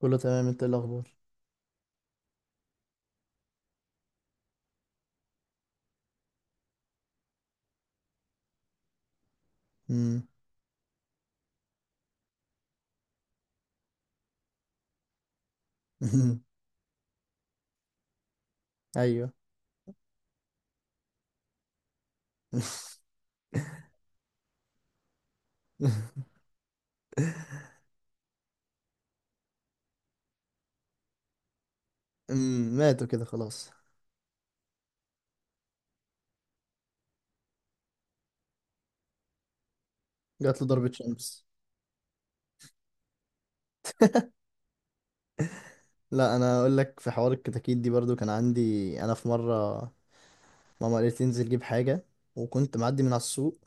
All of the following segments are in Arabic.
كله تمام، انت ايه الاخبار؟ امم. ايوه. ماتوا كده خلاص. جات له ضربة شمس؟ لا انا اقول لك، في حوار الكتاكيت دي برضو كان عندي. انا في مرة ماما قالت لي انزل جيب حاجة، وكنت معدي من على السوق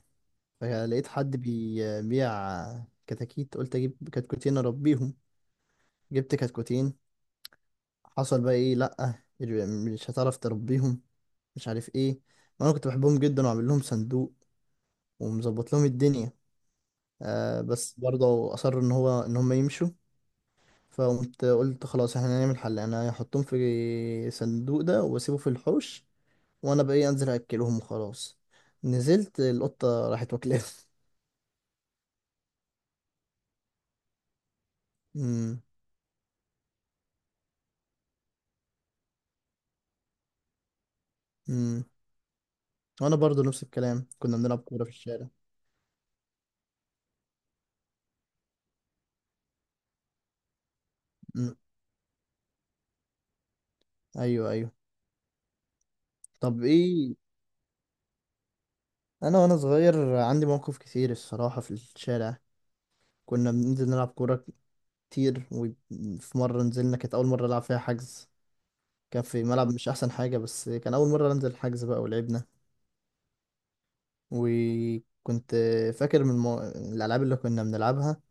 فلقيت حد بيبيع كتاكيت، قلت اجيب كتكوتين اربيهم. جبت كتكوتين. حصل بقى ايه؟ لا مش هتعرف تربيهم، مش عارف ايه. وانا كنت بحبهم جدا واعمل لهم صندوق ومظبط لهم الدنيا. بس برضه أصر إن هم يمشوا. فقمت قلت خلاص، احنا هنعمل حل، أنا هحطهم في صندوق ده وأسيبه في الحوش، وأنا بقى إيه أنزل أكلهم وخلاص. نزلت القطة راحت واكلاهم. أمم. أمم. وأنا برضه نفس الكلام، كنا بنلعب كورة في الشارع. أمم. أيوه، أيوه. طب إيه؟ أنا وأنا صغير عندي مواقف كتير الصراحة في الشارع. كنا بننزل نلعب كورة كتير، وفي مرة نزلنا كانت أول مرة ألعب فيها حجز. كان في ملعب مش احسن حاجه، بس كان اول مره انزل الحجز بقى ولعبنا. وكنت فاكر من الالعاب اللي كنا بنلعبها.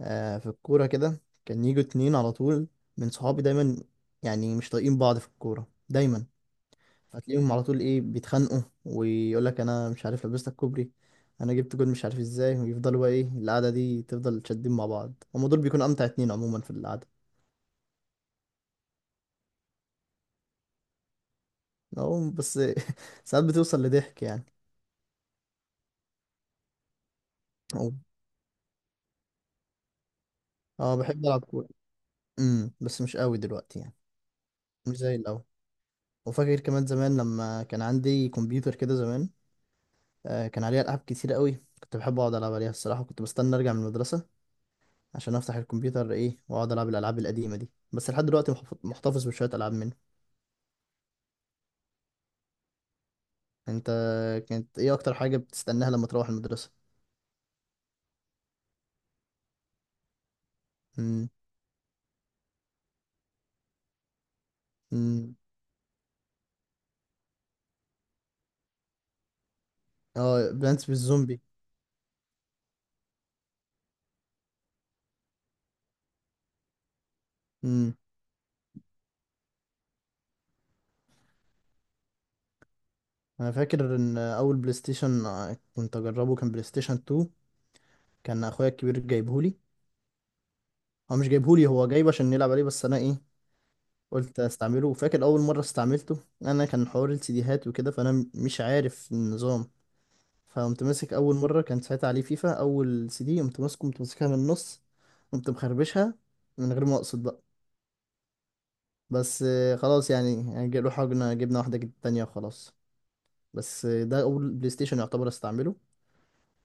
في الكوره كده كان يجوا اتنين على طول من صحابي دايما، يعني مش طايقين بعض في الكوره دايما. فتلاقيهم على طول ايه بيتخانقوا، ويقول لك انا مش عارف لبستك كوبري، انا جبت جول مش عارف ازاي. ويفضلوا بقى ايه، القعده دي تفضل شادين مع بعض. هما دول بيكونوا امتع اتنين عموما في القعده. أهو بس. ساعات بتوصل لضحك يعني. أهو. اه، بحب العب كوره. بس مش قوي دلوقتي يعني، مش زي الاول. وفاكر كمان زمان لما كان عندي كمبيوتر كده زمان، كان عليه العاب كتير قوي، كنت بحب اقعد العب عليها الصراحه. كنت بستنى ارجع من المدرسه عشان افتح الكمبيوتر ايه واقعد العب الالعاب القديمه دي. بس لحد دلوقتي محتفظ بشويه العاب منه. انت كانت ايه اكتر حاجه بتستناها لما تروح المدرسه؟ امم. امم. اه، بلانس بالزومبي. امم انا فاكر ان اول بلاي ستيشن كنت اجربه كان بلاي ستيشن 2. كان اخويا الكبير جايبهولي. هو مش جايبهولي، هو جايبه عشان نلعب عليه، بس انا ايه قلت استعمله. فاكر اول مره استعملته انا كان حوار السيديهات وكده، فانا مش عارف النظام. فقمت ماسك اول مره كان ساعتها عليه فيفا، اول سي دي قمت ماسكه، قمت ماسكها من النص، قمت مخربشها من غير ما اقصد بقى. بس خلاص يعني روحنا جبنا واحده تانية وخلاص. بس ده اول بلاي ستيشن يعتبر استعمله.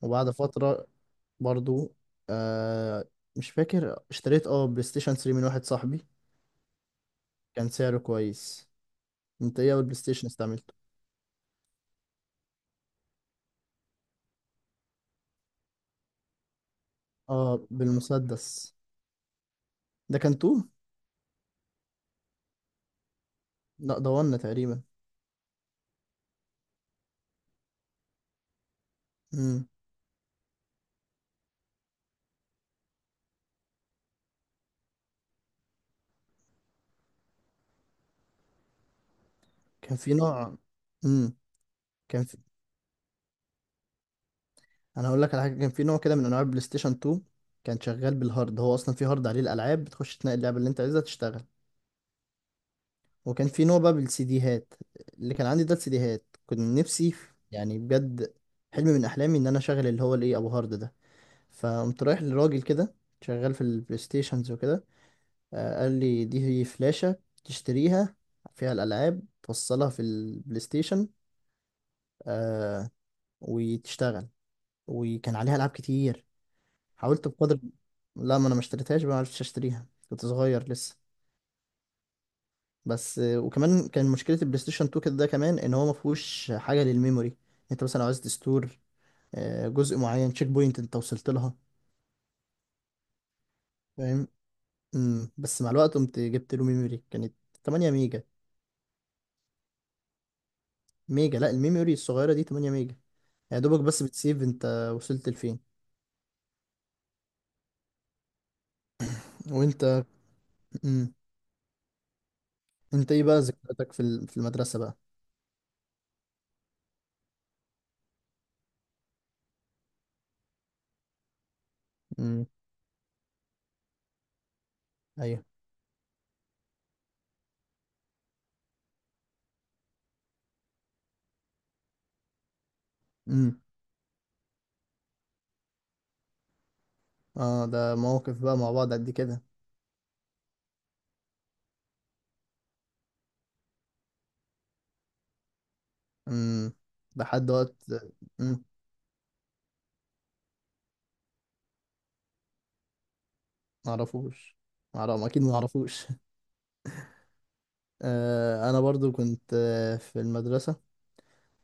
وبعد فتره برضو، آه مش فاكر اشتريت بلاي ستيشن 3 من واحد صاحبي، كان سعره كويس. انت ايه اول بلاي ستيشن استعملته؟ اه، بالمسدس. ده كان تو. لا ده ون تقريبا. امم. كان في نوع. امم. كان في... انا هقول لك على حاجه، كان في نوع كده من انواع البلاي ستيشن 2 كان شغال بالهارد. هو اصلا في هارد عليه الالعاب، بتخش تنقي اللعبه اللي انت عايزها تشتغل. وكان في نوع بقى بالسي ديهات. اللي كان عندي ده السي ديهات، كنت نفسي يعني بجد، حلم من احلامي ان انا اشغل اللي هو الايه، ابو هارد ده. فقمت رايح لراجل كده شغال في البلاي ستيشنز وكده، قال لي دي هي فلاشه تشتريها فيها الالعاب، توصلها في البلاي ستيشن آه، وتشتغل، وكان عليها العاب كتير. حاولت بقدر. لا ما انا ما اشتريتهاش بقى، ما عرفتش اشتريها، كنت صغير لسه. بس وكمان كان مشكله البلاي ستيشن 2 كده ده كمان، ان هو ما فيهوش حاجه للميموري. انت مثلا لو عايز تستور جزء معين تشيك بوينت انت وصلت لها. فاهم؟ بس مع الوقت قمت جبت له ميموري كانت 8 ميجا. ميجا. لا، الميموري الصغيره دي 8 ميجا، يا دوبك بس بتسيف انت وصلت لفين. وانت؟ امم انت ايه بقى ذكرياتك في في المدرسه بقى؟ امم. ايوه. مم. اه ده مواقف بقى مع بعض قد كده. امم. لحد وقت. امم. معرفوش. اكيد معرفوش. انا برضو كنت في المدرسة،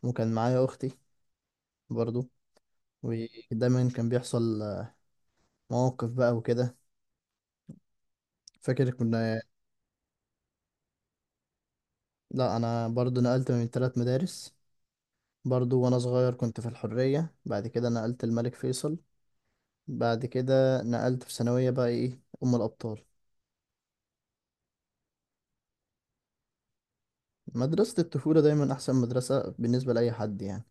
وكان معايا اختي برضو. ودايما كان بيحصل مواقف بقى وكده. فاكر كنا. لا انا برضو نقلت من ثلاث مدارس برضو. وانا صغير كنت في الحرية، بعد كده نقلت الملك فيصل، بعد كده نقلت في ثانوية بقى ايه ام الابطال. مدرسة الطفولة دايما احسن مدرسة بالنسبة لاي حد يعني،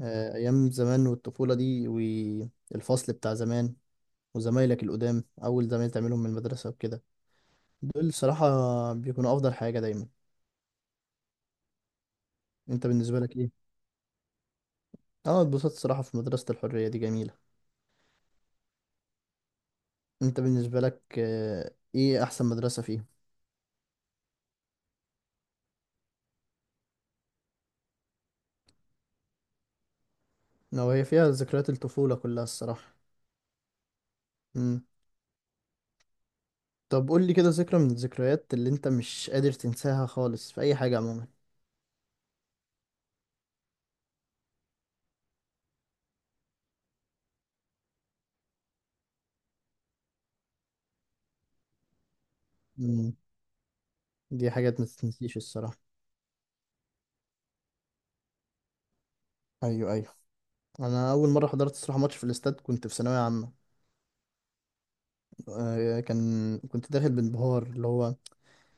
أيام زمان والطفولة دي والفصل بتاع زمان وزمايلك القدام، أول زمايل تعملهم من المدرسة وكده، دول صراحة بيكونوا أفضل حاجة دايما. أنت بالنسبة لك إيه؟ أه اتبسطت صراحة، في مدرسة الحرية دي جميلة. أنت بالنسبة لك إيه أحسن مدرسة فيهم؟ لو هي فيها ذكريات الطفولة كلها الصراحة. مم. طب قول لي كده ذكرى من الذكريات اللي أنت مش قادر تنساها خالص في أي حاجة عموما. مم. دي حاجات ما تتنسيش الصراحة. ايوه، ايوه. انا اول مره حضرت الصراحه ماتش في الاستاد كنت في ثانويه عامه. كنت داخل بانبهار اللي هو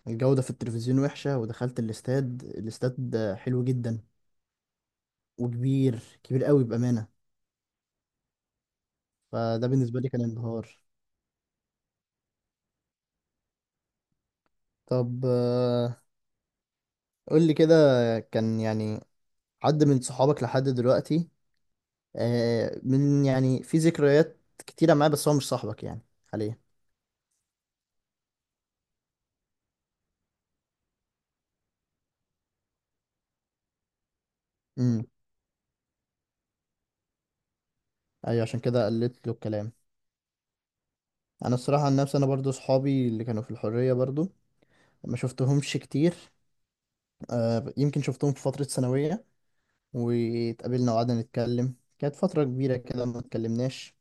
الجودة في التلفزيون وحشة. ودخلت الاستاد. الاستاد حلو جدا وكبير كبير قوي بأمانة. فده بالنسبة لي كان انبهار. طب قول لي كده، كان يعني حد من صحابك لحد دلوقتي من يعني في ذكريات كتيرة معاه بس هو مش صاحبك يعني حاليا. امم. ايوه عشان كده قلت له الكلام. انا الصراحة عن نفسي، انا برضو صحابي اللي كانوا في الحرية برضو ما شفتهمش كتير. يمكن شفتهم في فترة ثانوية واتقابلنا وقعدنا نتكلم، كانت فترة كبيرة كده ما اتكلمناش.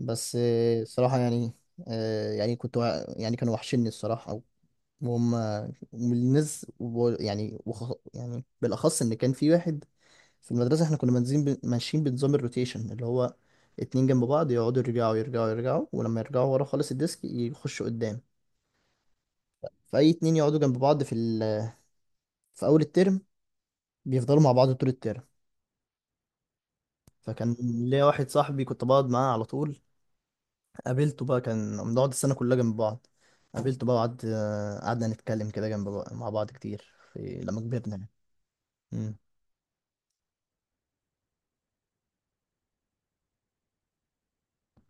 بس الصراحة يعني، يعني يعني كانوا وحشني الصراحة، وهم والناس يعني يعني بالأخص إن كان في واحد في المدرسة. احنا كنا ماشيين بنظام الروتيشن اللي هو اتنين جنب بعض يقعدوا يرجعوا يرجعوا يرجعوا، ولما يرجعوا ورا خالص الديسك يخشوا قدام. فأي اتنين يقعدوا جنب بعض في أول الترم بيفضلوا مع بعض طول الترم. فكان ليا واحد صاحبي كنت بقعد معاه على طول. قابلته بقى، كان بنقعد السنة كلها جنب بعض. قابلته بقى، وقعد آه، قعدنا نتكلم كده جنب بقى مع بعض كتير في لما كبرنا يعني. مم.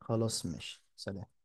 خلاص ماشي، سلام.